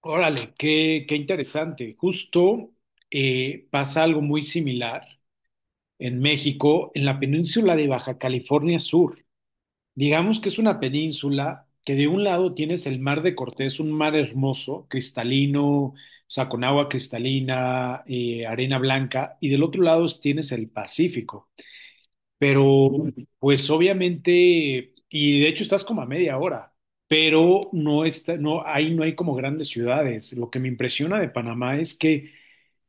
Órale, qué, qué interesante. Justo pasa algo muy similar en México, en la península de Baja California Sur. Digamos que es una península que de un lado tienes el Mar de Cortés, un mar hermoso, cristalino, o sea, con agua cristalina, arena blanca, y del otro lado tienes el Pacífico. Pero, pues obviamente, y de hecho estás como a media hora, pero no está, no, ahí no hay como grandes ciudades. Lo que me impresiona de Panamá es que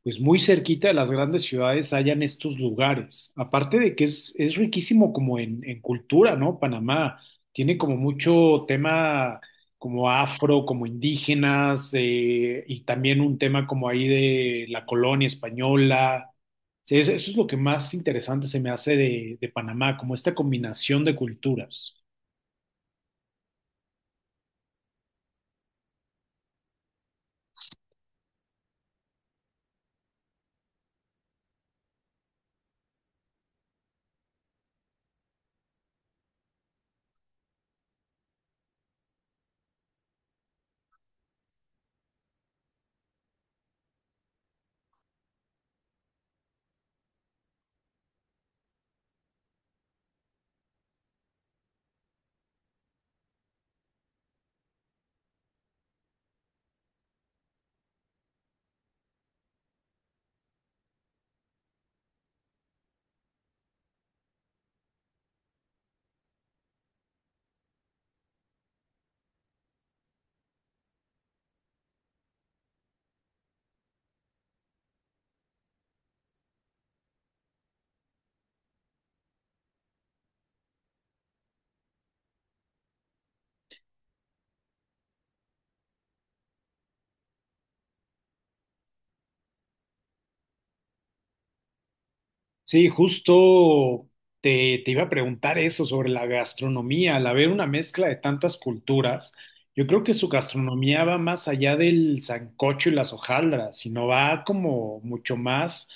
pues muy cerquita de las grandes ciudades hayan estos lugares. Aparte de que es riquísimo como en cultura, ¿no? Panamá tiene como mucho tema como afro, como indígenas, y también un tema como ahí de la colonia española. Sí, eso es lo que más interesante se me hace de Panamá, como esta combinación de culturas. Sí, justo te, te iba a preguntar eso sobre la gastronomía, al haber una mezcla de tantas culturas, yo creo que su gastronomía va más allá del sancocho y las hojaldras, sino va como mucho más.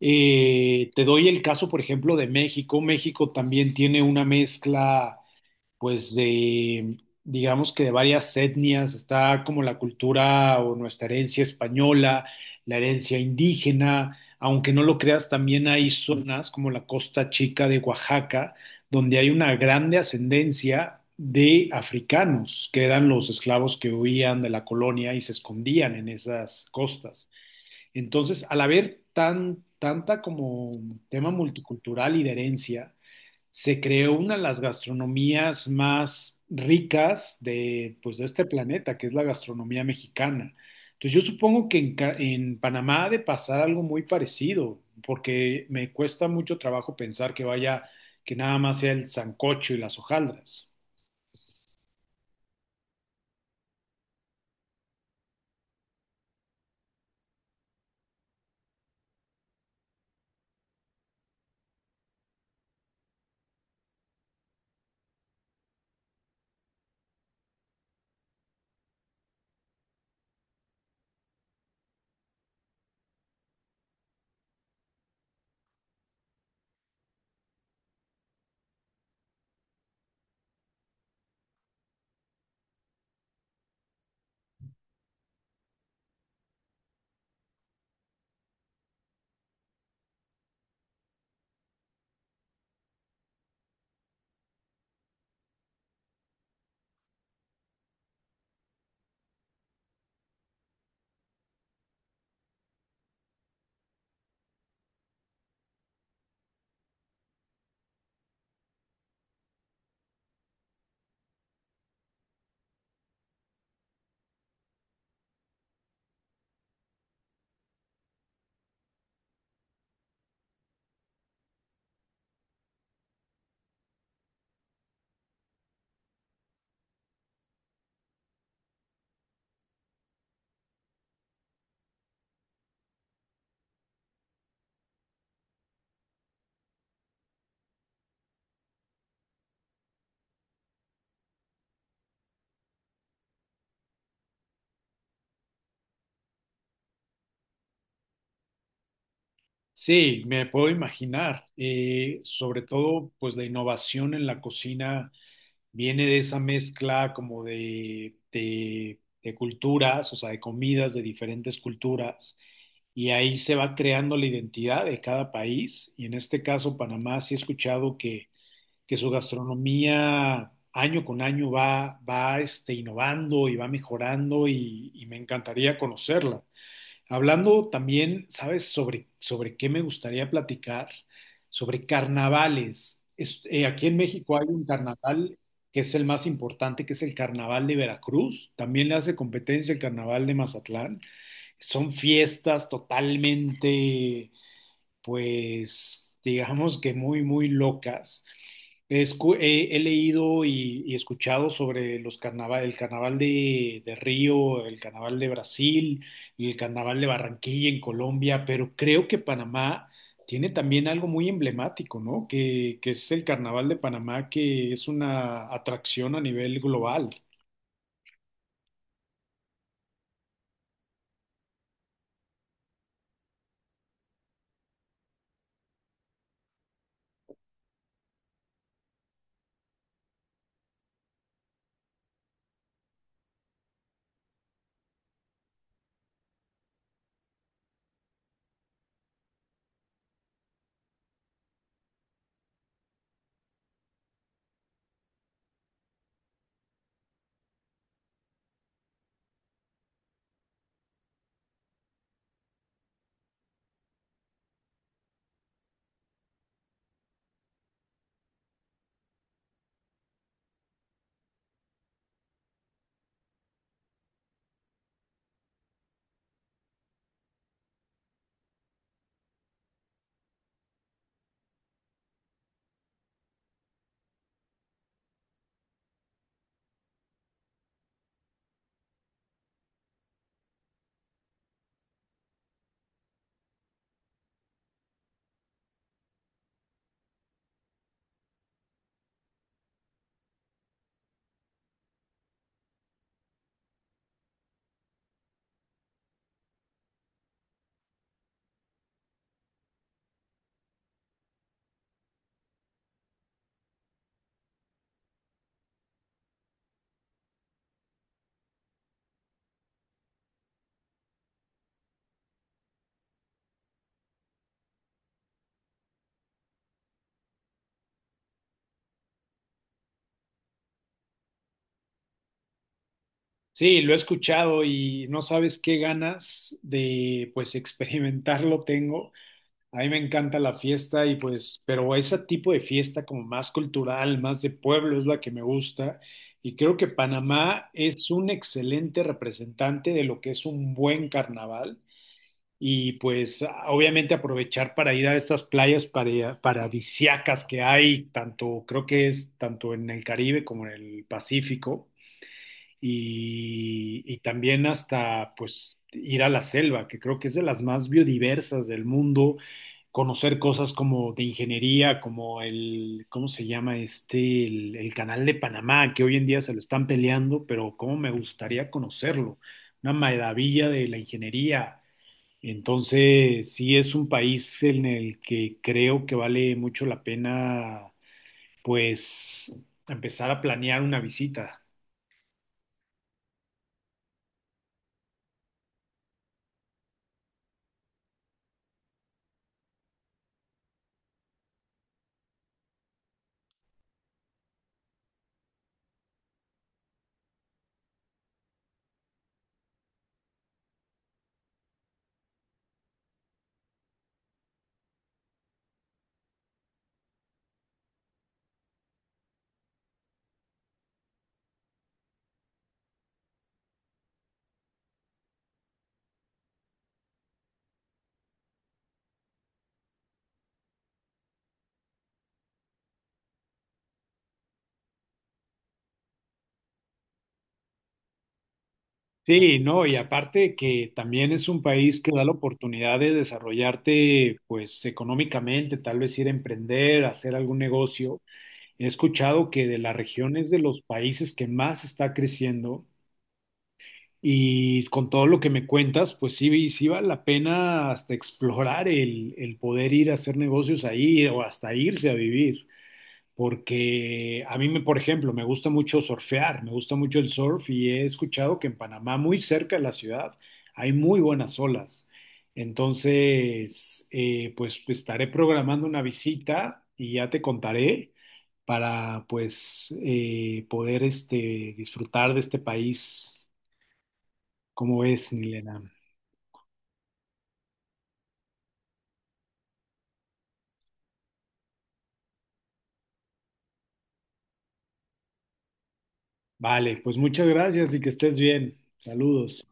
Te doy el caso, por ejemplo, de México. México también tiene una mezcla pues de, digamos que de varias etnias, está como la cultura o nuestra herencia española, la herencia indígena, aunque no lo creas, también hay zonas como la Costa Chica de Oaxaca, donde hay una grande ascendencia de africanos, que eran los esclavos que huían de la colonia y se escondían en esas costas. Entonces, al haber tan, tanta como tema multicultural y de herencia, se creó una de las gastronomías más ricas de, pues, de este planeta, que es la gastronomía mexicana. Entonces yo supongo que en, en Panamá ha de pasar algo muy parecido, porque me cuesta mucho trabajo pensar que vaya, que nada más sea el sancocho y las hojaldras. Sí, me puedo imaginar, sobre todo pues la innovación en la cocina viene de esa mezcla como de culturas, o sea, de comidas de diferentes culturas, y ahí se va creando la identidad de cada país, y en este caso Panamá sí he escuchado que su gastronomía año con año va, va este, innovando y va mejorando y me encantaría conocerla. Hablando también, ¿sabes? Sobre, sobre qué me gustaría platicar, sobre carnavales. Aquí en México hay un carnaval que es el más importante, que es el Carnaval de Veracruz. También le hace competencia el Carnaval de Mazatlán. Son fiestas totalmente pues digamos que muy, muy locas. He, he leído y escuchado sobre los el carnaval de Río, el carnaval de Brasil, el carnaval de Barranquilla en Colombia, pero creo que Panamá tiene también algo muy emblemático, ¿no? Que es el carnaval de Panamá, que es una atracción a nivel global. Sí, lo he escuchado y no sabes qué ganas de pues experimentarlo tengo. A mí me encanta la fiesta y pues, pero ese tipo de fiesta como más cultural, más de pueblo es la que me gusta y creo que Panamá es un excelente representante de lo que es un buen carnaval y pues obviamente aprovechar para ir a esas playas paradisíacas que hay, tanto creo que es tanto en el Caribe como en el Pacífico y también hasta pues ir a la selva, que creo que es de las más biodiversas del mundo, conocer cosas como de ingeniería, como el, ¿cómo se llama este? El canal de Panamá, que hoy en día se lo están peleando, pero cómo me gustaría conocerlo, una maravilla de la ingeniería. Entonces, sí es un país en el que creo que vale mucho la pena, pues, empezar a planear una visita. Sí, no, y aparte que también es un país que da la oportunidad de desarrollarte, pues económicamente, tal vez ir a emprender, hacer algún negocio. He escuchado que de la región es de los países que más está creciendo y con todo lo que me cuentas, pues sí, sí vale la pena hasta explorar el poder ir a hacer negocios ahí o hasta irse a vivir porque a mí, me, por ejemplo, me gusta mucho surfear, me gusta mucho el surf y he escuchado que en Panamá, muy cerca de la ciudad, hay muy buenas olas. Entonces, pues pues, estaré programando una visita y ya te contaré para pues poder este, disfrutar de este país. ¿Cómo es, Nilena? Vale, pues muchas gracias y que estés bien. Saludos.